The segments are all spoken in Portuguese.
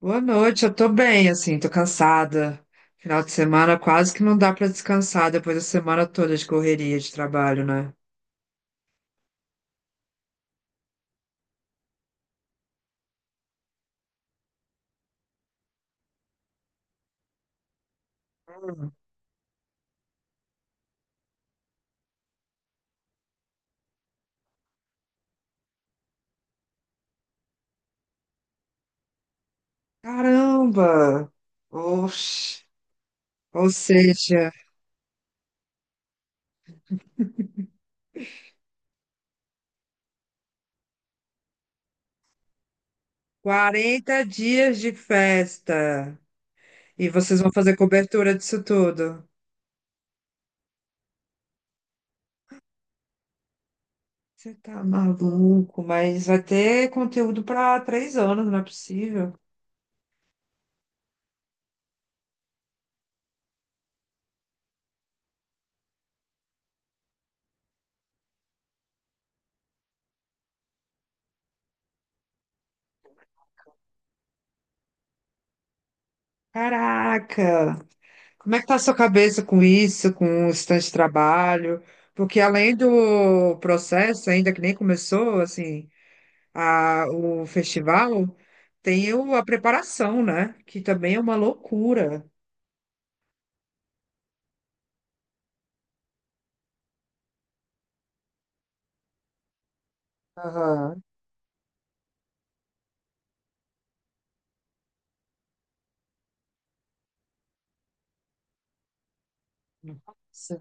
Boa noite, eu tô bem, assim, tô cansada. Final de semana quase que não dá pra descansar depois da semana toda de correria de trabalho, né? Hum. Caramba! Oxe. Ou seja, 40 dias de festa e vocês vão fazer cobertura disso tudo. Você tá maluco, mas vai ter conteúdo pra 3 anos, não é possível. Caraca! Como é que tá a sua cabeça com isso, com o estante de trabalho? Porque além do processo, ainda que nem começou, assim, o festival, tem a preparação, né? Que também é uma loucura. Aham. Nossa.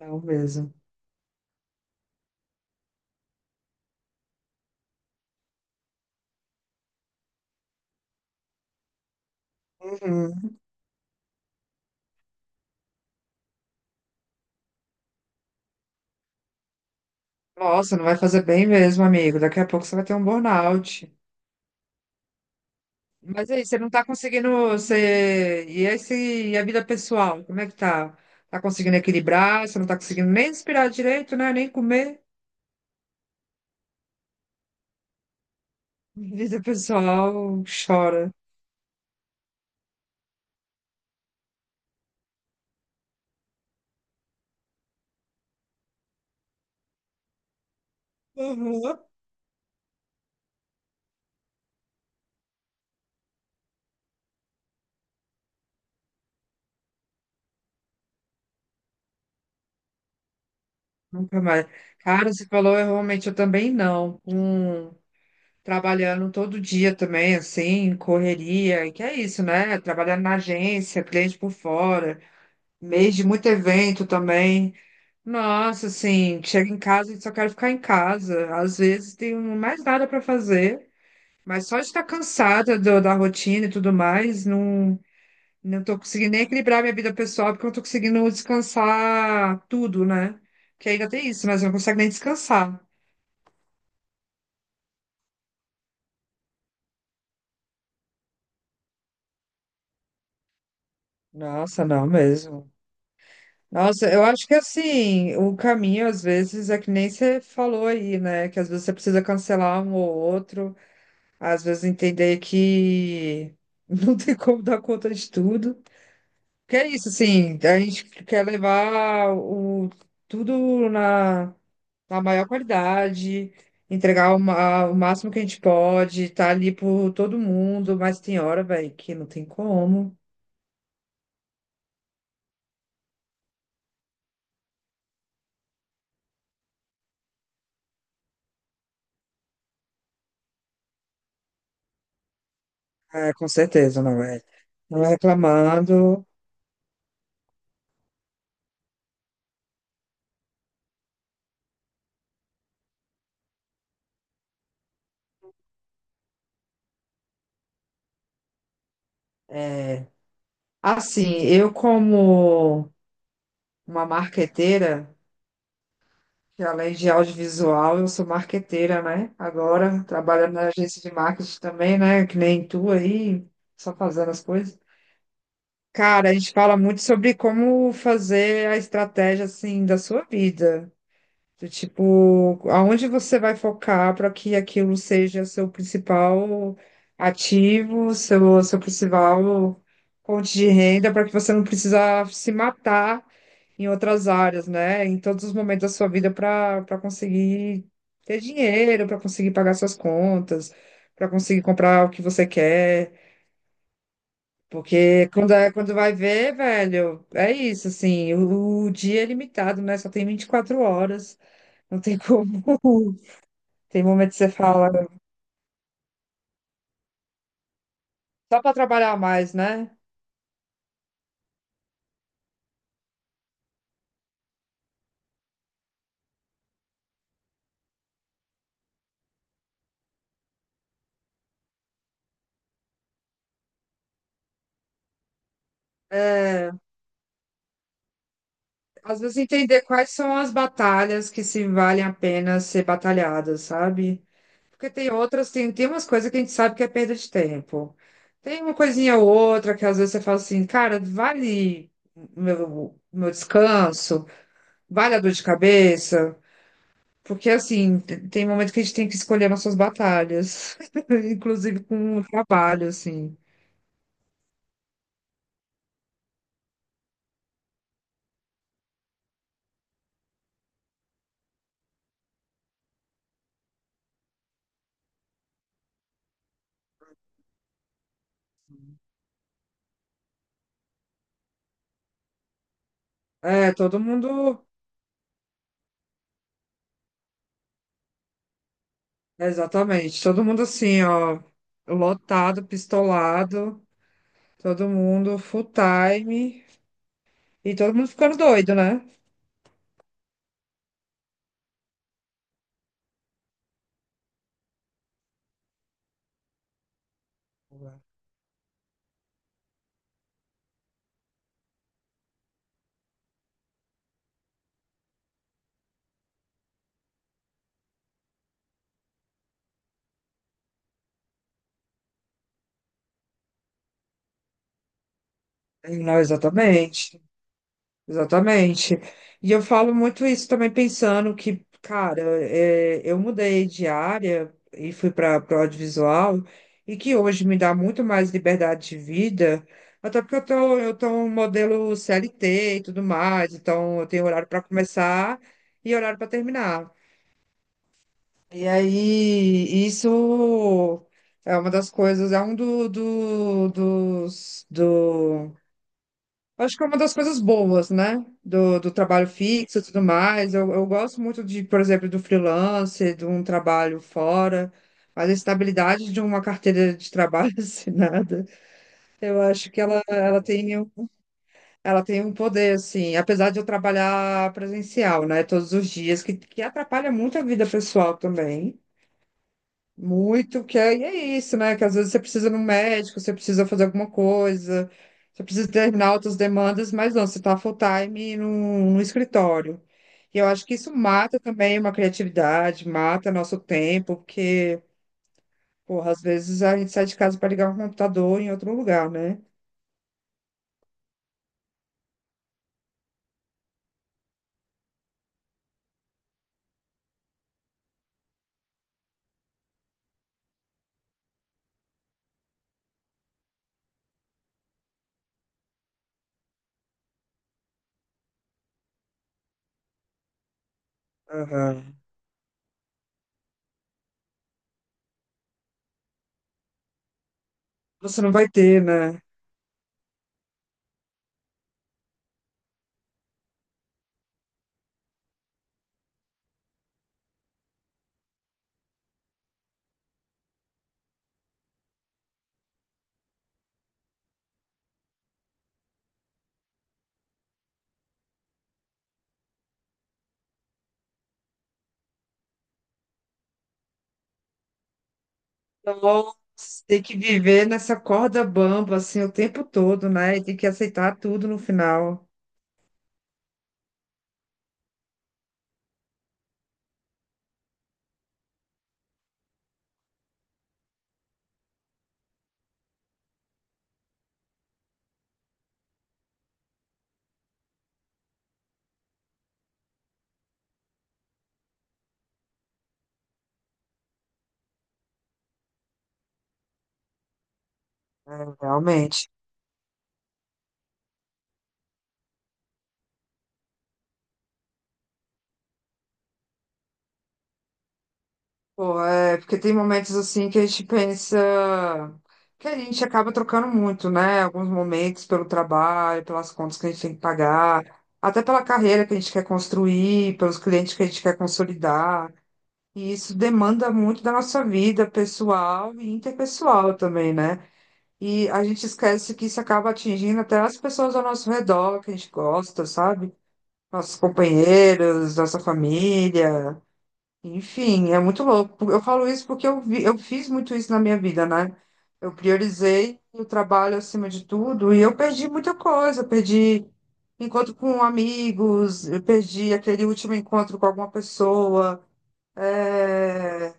Não mesmo. Uhum. Nossa, não vai fazer bem mesmo, amigo. Daqui a pouco você vai ter um burnout. Mas aí, você não tá conseguindo, você... E esse, e a vida pessoal, como é que tá? Tá conseguindo equilibrar? Você não tá conseguindo nem respirar direito, né? Nem comer? Vida pessoal, chora. Uhum. Nunca mais. Cara, você falou, eu realmente eu também não. Trabalhando todo dia também, assim, correria, e que é isso, né? Trabalhando na agência, cliente por fora, mês de muito evento também. Nossa, assim, chega em casa e só quero ficar em casa. Às vezes tem um, mais nada para fazer, mas só de estar cansada da rotina e tudo mais, não, não tô conseguindo nem equilibrar minha vida pessoal, porque eu não tô conseguindo descansar tudo, né? Que ainda tem isso, mas eu não consigo nem descansar. Nossa, não mesmo. Nossa, eu acho que assim, o caminho às vezes é que nem você falou aí, né? Que às vezes você precisa cancelar um ou outro. Às vezes entender que não tem como dar conta de tudo. Que é isso, assim, a gente quer levar tudo na maior qualidade, entregar o máximo que a gente pode, estar ali por todo mundo, mas tem hora, velho, que não tem como. É, com certeza, não é? Não é reclamando. É. Assim, eu como uma marqueteira. Que além de audiovisual, eu sou marqueteira, né? Agora, trabalhando na agência de marketing também, né? Que nem tu aí, só fazendo as coisas. Cara, a gente fala muito sobre como fazer a estratégia, assim, da sua vida. Do tipo, aonde você vai focar para que aquilo seja seu principal ativo, seu principal fonte de renda, para que você não precisa se matar em outras áreas, né? Em todos os momentos da sua vida para conseguir ter dinheiro, para conseguir pagar suas contas, para conseguir comprar o que você quer. Porque quando, é, quando vai ver, velho, é isso, assim, o dia é limitado, né? Só tem 24 horas, não tem como. Tem momento que você fala, só para trabalhar mais, né? É, às vezes entender quais são as batalhas que se valem a pena ser batalhadas, sabe? Porque tem outras, tem umas coisas que a gente sabe que é perda de tempo. Tem uma coisinha ou outra que às vezes você fala assim, cara, vale o meu descanso, vale a dor de cabeça. Porque assim, tem momento que a gente tem que escolher nossas batalhas, inclusive com o trabalho, assim. É, todo mundo, exatamente, todo mundo assim, ó, lotado, pistolado. Todo mundo full time e todo mundo ficando doido, né? Não, exatamente, exatamente. E eu falo muito isso também pensando que, cara, é, eu mudei de área e fui para o audiovisual e que hoje me dá muito mais liberdade de vida, até porque eu tô um modelo CLT e tudo mais, então eu tenho horário para começar e horário para terminar. E aí, isso é uma das coisas, é acho que é uma das coisas boas, né? Do trabalho fixo e tudo mais. Eu gosto muito de, por exemplo, do freelance, de um trabalho fora, mas a estabilidade de uma carteira de trabalho assinada, eu acho que ela tem um poder, assim, apesar de eu trabalhar presencial, né? Todos os dias, que atrapalha muito a vida pessoal também. Muito, que é, e é isso, né? Que às vezes você precisa ir no médico, você precisa fazer alguma coisa, você precisa terminar outras demandas, mas não, você está full-time no escritório. E eu acho que isso mata também uma criatividade, mata nosso tempo, porque, porra, às vezes a gente sai de casa para ligar um computador em outro lugar, né? Aham. Você não vai ter, né? Então, tem que viver nessa corda bamba, assim, o tempo todo, né? E tem que aceitar tudo no final. Realmente. Pô, é, porque tem momentos assim que a gente pensa que a gente acaba trocando muito, né? Alguns momentos pelo trabalho, pelas contas que a gente tem que pagar, até pela carreira que a gente quer construir, pelos clientes que a gente quer consolidar. E isso demanda muito da nossa vida pessoal e interpessoal também, né? E a gente esquece que isso acaba atingindo até as pessoas ao nosso redor, que a gente gosta, sabe? Nossos companheiros, nossa família. Enfim, é muito louco. Eu falo isso porque eu vi, eu fiz muito isso na minha vida, né? Eu priorizei o trabalho acima de tudo e eu perdi muita coisa. Eu perdi encontro com amigos, eu perdi aquele último encontro com alguma pessoa, é,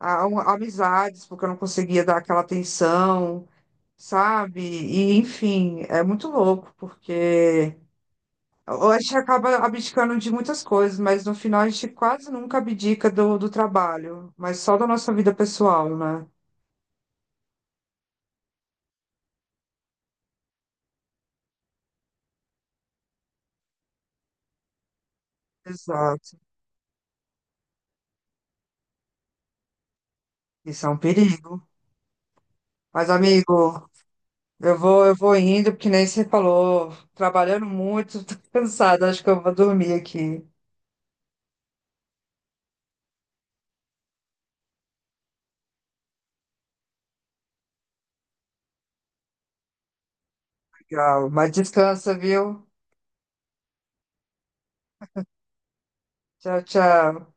amizades, porque eu não conseguia dar aquela atenção, sabe? E, enfim, é muito louco, porque. A gente acaba abdicando de muitas coisas, mas no final a gente quase nunca abdica do trabalho, mas só da nossa vida pessoal, né? Exato. Isso é um perigo. Mas, amigo, eu vou indo, porque nem você falou, trabalhando muito, tô cansada, acho que eu vou dormir aqui. Legal. Mas descansa, viu? Tchau, tchau.